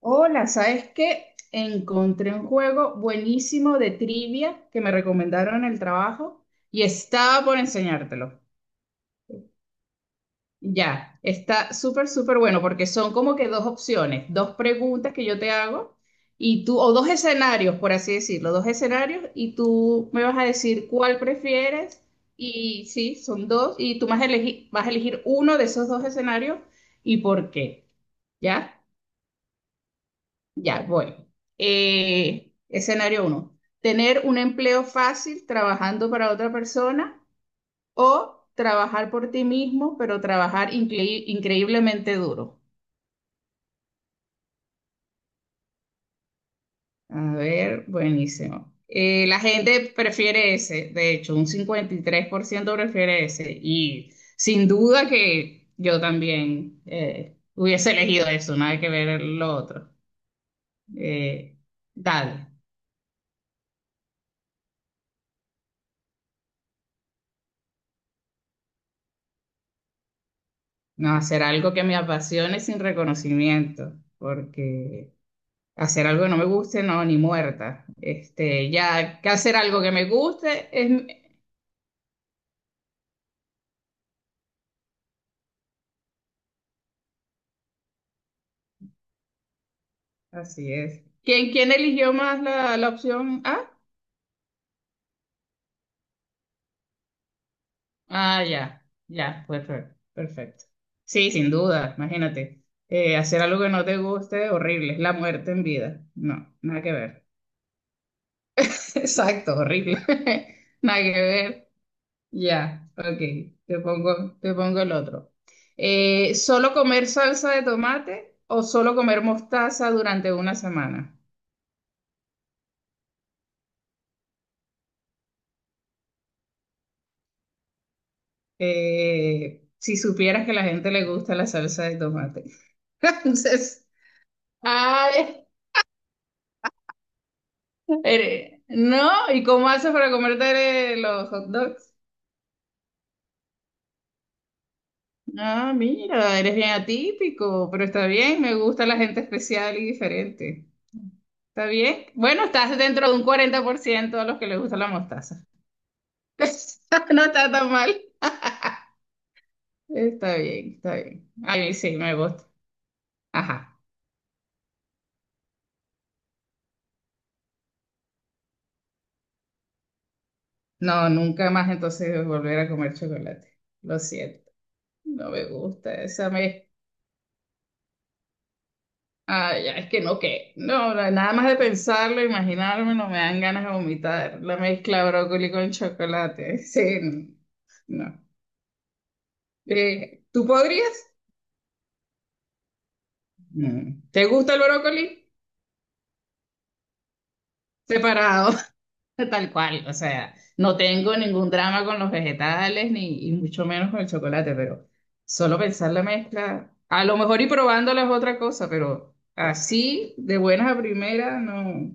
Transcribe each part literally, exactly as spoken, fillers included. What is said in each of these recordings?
Hola, ¿sabes qué? Encontré un juego buenísimo de trivia que me recomendaron en el trabajo y estaba por enseñártelo. Ya, está súper, súper bueno porque son como que dos opciones, dos preguntas que yo te hago y tú, o dos escenarios, por así decirlo, dos escenarios y tú me vas a decir cuál prefieres y sí, son dos y tú vas a elegir, vas a elegir uno de esos dos escenarios y por qué, ¿ya? Ya, voy. Eh, escenario uno. Tener un empleo fácil trabajando para otra persona o trabajar por ti mismo, pero trabajar incre- increíblemente duro. A ver, buenísimo. Eh, la gente prefiere ese, de hecho, un cincuenta y tres por ciento prefiere ese. Y sin duda que yo también eh, hubiese elegido eso, nada que ver lo otro. Eh, Dale. No, hacer algo que me apasione sin reconocimiento, porque hacer algo que no me guste, no, ni muerta. Este, ya que hacer algo que me guste es... Así es. ¿Quién, quién eligió más la, la opción A? Ah, ya, ya, perfecto, perfecto. Sí, sin duda, imagínate. Eh, hacer algo que no te guste, horrible, es la muerte en vida. No, nada que ver. Exacto, horrible. Nada que ver. Ya, ok, te pongo, te pongo el otro. Eh, ¿solo comer salsa de tomate o solo comer mostaza durante una semana? Eh, si supieras que a la gente le gusta la salsa de tomate. Entonces, ay, eres- no, ¿y cómo haces para comerte los hot dogs? Ah, mira, eres bien atípico, pero está bien, me gusta la gente especial y diferente. ¿Está bien? Bueno, estás dentro de un cuarenta por ciento a los que les gusta la mostaza. No está tan mal. Está bien, está bien. A mí sí, me gusta. Ajá. No, nunca más entonces volver a comer chocolate. Lo siento. No me gusta esa me... Ah, ya, es que no, que... No, la- nada más de pensarlo, imaginarme, no me dan ganas de vomitar. La mezcla brócoli con chocolate. Sí, no. No. Eh, ¿tú podrías? No. ¿Te gusta el brócoli? Separado. Tal cual, o sea, no tengo ningún drama con los vegetales ni y mucho menos con el chocolate, pero solo pensar la mezcla, a lo mejor y probándola es otra cosa, pero así, de buenas a primeras, no,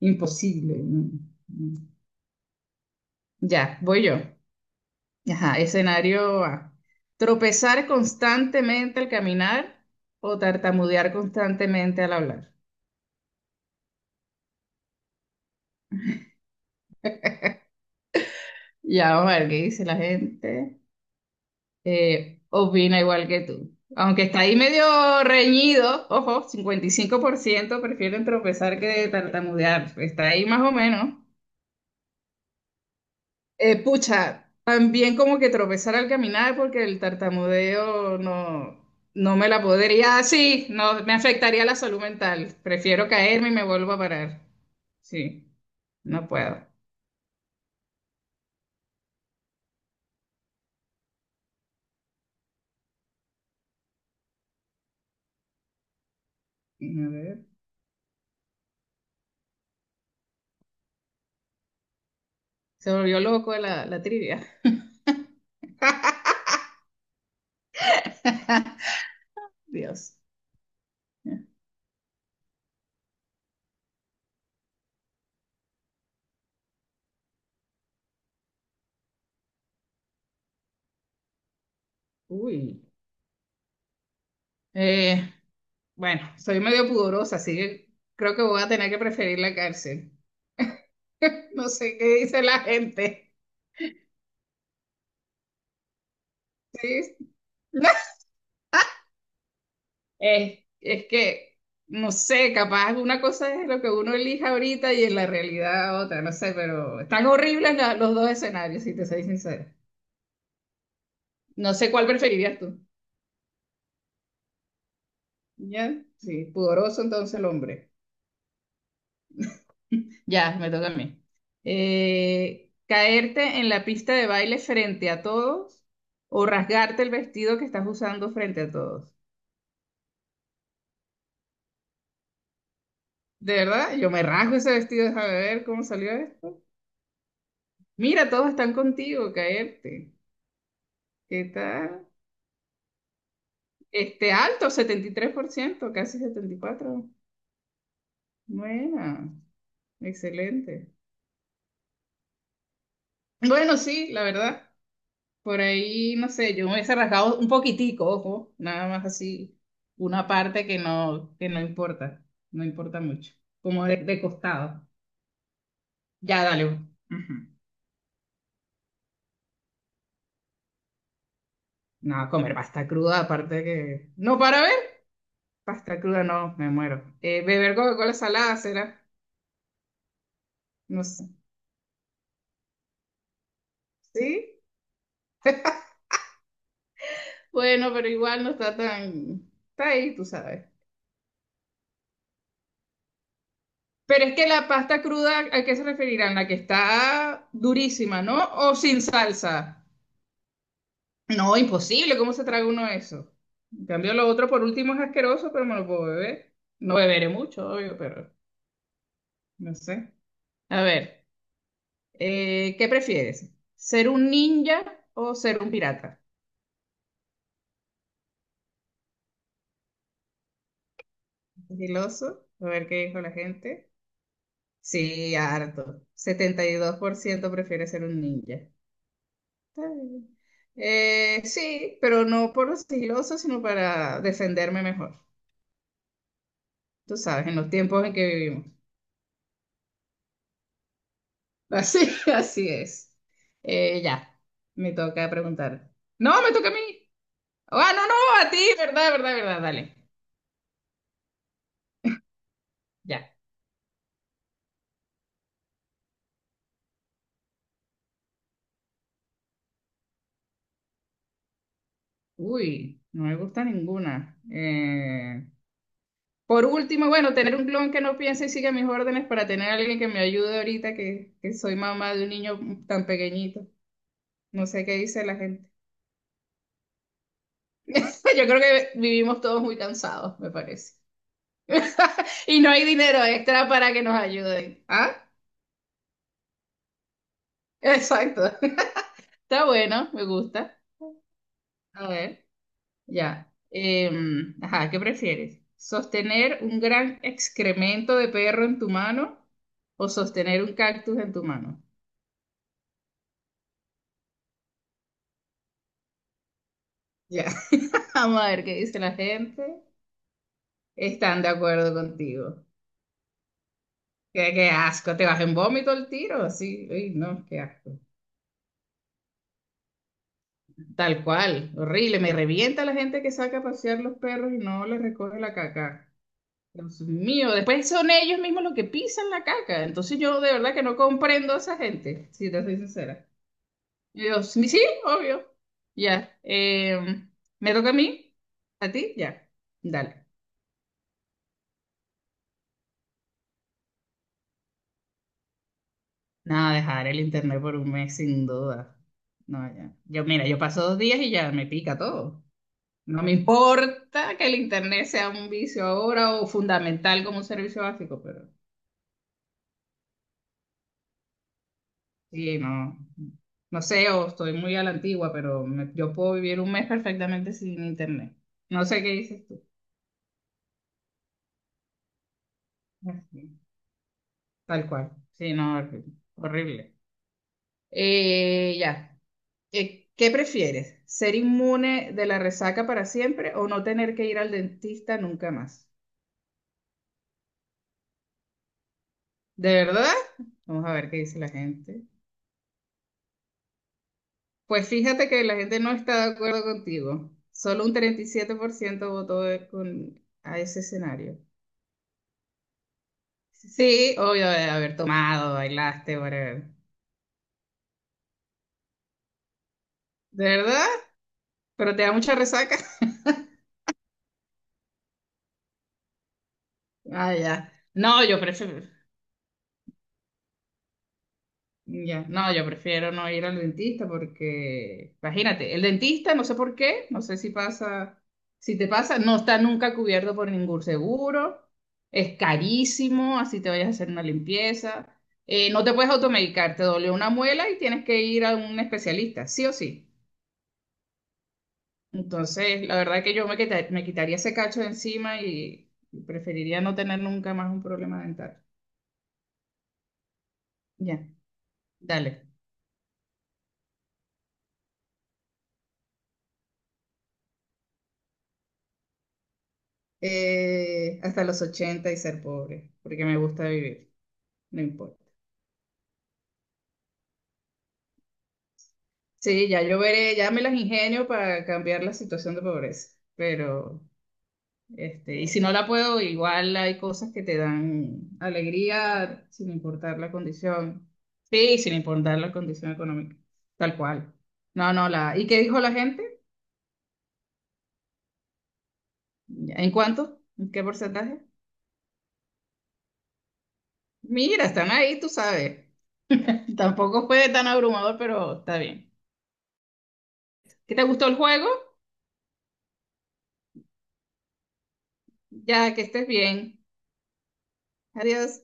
imposible. No, no. Ya, voy yo. Ajá, escenario A. Tropezar constantemente al caminar o tartamudear constantemente al hablar. Ya vamos a ver qué dice la gente. Eh, opina igual que tú. Aunque está ahí medio reñido, ojo, cincuenta y cinco por ciento prefieren tropezar que tartamudear. Está ahí más o menos. Eh, pucha, también como que tropezar al caminar porque el tartamudeo no, no me la podría. Ah, sí, no, me afectaría la salud mental. Prefiero caerme y me vuelvo a parar. Sí, no puedo. A ver. Se volvió loco la, la trivia. Dios. Uy. Eh, Bueno, soy medio pudorosa, así que creo que voy a tener que preferir la cárcel. No sé qué dice la gente. ¿Sí? Es, es que, no sé, capaz una cosa es lo que uno elija ahorita y en la realidad otra, no sé, pero están horribles la- los dos escenarios, si te soy sincera. No sé cuál preferirías tú. ¿Ya? Sí, pudoroso entonces el hombre. Ya, me toca a mí. Eh, ¿caerte en la pista de baile frente a todos o rasgarte el vestido que estás usando frente a todos? De verdad, yo me rasgo ese vestido, déjame ver cómo salió esto. Mira, todos están contigo, caerte. ¿Qué tal? Este alto, setenta y tres por ciento casi setenta y cuatro por ciento. Buena, excelente. Bueno, sí, la verdad. Por ahí, no sé, yo me hubiese rasgado un poquitico, ojo, nada más así, una parte que no, que no importa, no importa mucho, como de, de costado. Ya, dale. Ujú. No, comer pasta cruda, aparte que... No, para ver, pasta cruda no, me muero. Eh, beber Coca-Cola salada será, no sé, ¿sí? Bueno, pero igual no está tan... Está ahí, tú sabes. Pero es que la pasta cruda, ¿a qué se referirán? La que está durísima, ¿no? O sin salsa. No, imposible, ¿cómo se traga uno eso? En cambio, lo otro por último es asqueroso, pero me lo puedo beber. No beberé mucho, obvio, pero no sé. A ver, eh, ¿qué prefieres? ¿Ser un ninja o ser un pirata? Sigiloso, a ver qué dijo la gente. Sí, harto. Setenta y dos por ciento prefiere ser un ninja. Está bien. Eh, sí, pero no por lo sigiloso, sino para defenderme mejor. Tú sabes, en los tiempos en que vivimos. Así, así es. Eh, ya, me toca preguntar. No, me toca a mí. Ah, no, no, a ti, verdad, verdad, verdad, dale. Ya. Uy, no me gusta ninguna. Eh, por último, bueno, tener un clon que no piense y siga mis órdenes para tener a alguien que me ayude ahorita que, que soy mamá de un niño tan pequeñito. No sé qué dice la gente. Yo creo que vivimos todos muy cansados, me parece. Y no hay dinero extra para que nos ayuden. Ah, exacto. Está bueno, me gusta. A ver, ya. Em, ajá, ¿qué prefieres? ¿Sostener un gran excremento de perro en tu mano o sostener un cactus en tu mano? Ya. Vamos a ver qué dice la gente. Están de acuerdo contigo. Qué, qué asco, te vas en vómito el tiro, sí. Uy, no, qué asco. Tal cual, horrible. Me revienta la gente que saca a pasear los perros y no les recoge la caca. Dios mío, después son ellos mismos los que pisan la caca. Entonces yo de verdad que no comprendo a esa gente, si te soy sincera. Y yo, sí, sí, obvio. Ya. Em, ¿me toca a mí? ¿A ti? Ya. Dale. Nada, dejar el internet por un mes sin duda. No, ya. Yo, mira, yo paso dos días y ya me pica todo. No me importa que el internet sea un vicio ahora o fundamental como un servicio básico, pero sí, no, no sé, o estoy muy a la antigua, pero me- yo puedo vivir un mes perfectamente sin internet. No sé qué dices tú. Así, tal cual. Sí, no, horrible. Horrible. Eh, ya. Eh, ¿qué prefieres? ¿Ser inmune de la resaca para siempre o no tener que ir al dentista nunca más? ¿De verdad? Vamos a ver qué dice la gente. Pues fíjate que la gente no está de acuerdo contigo. Solo un treinta y siete por ciento votó de- con, a ese escenario. Sí, obvio de haber tomado, bailaste, whatever. ¿De verdad? ¿Pero te da mucha resaca? Ah, ya. No, yo prefiero, ya. No, yo prefiero no ir al dentista porque, imagínate, el dentista, no sé por qué, no sé si pasa, si te pasa, no está nunca cubierto por ningún seguro, es carísimo, así te vayas a hacer una limpieza. Eh, no te puedes automedicar, te dolió una muela y tienes que ir a un especialista, sí o sí. Entonces, la verdad que yo me quita- me quitaría ese cacho de encima y preferiría no tener nunca más un problema dental. Ya, dale. Eh, hasta los ochenta y ser pobre, porque me gusta vivir, no importa. Sí, ya yo veré, ya me las ingenio para cambiar la situación de pobreza, pero, este, y si no la puedo, igual hay cosas que te dan alegría sin importar la condición. Sí, sin importar la condición económica, tal cual. No, no, la, ¿y qué dijo la gente? ¿En cuánto? ¿En qué porcentaje? Mira, están ahí, tú sabes. Tampoco fue tan abrumador, pero está bien. ¿Qué te gustó el juego? Ya, que estés bien. Adiós.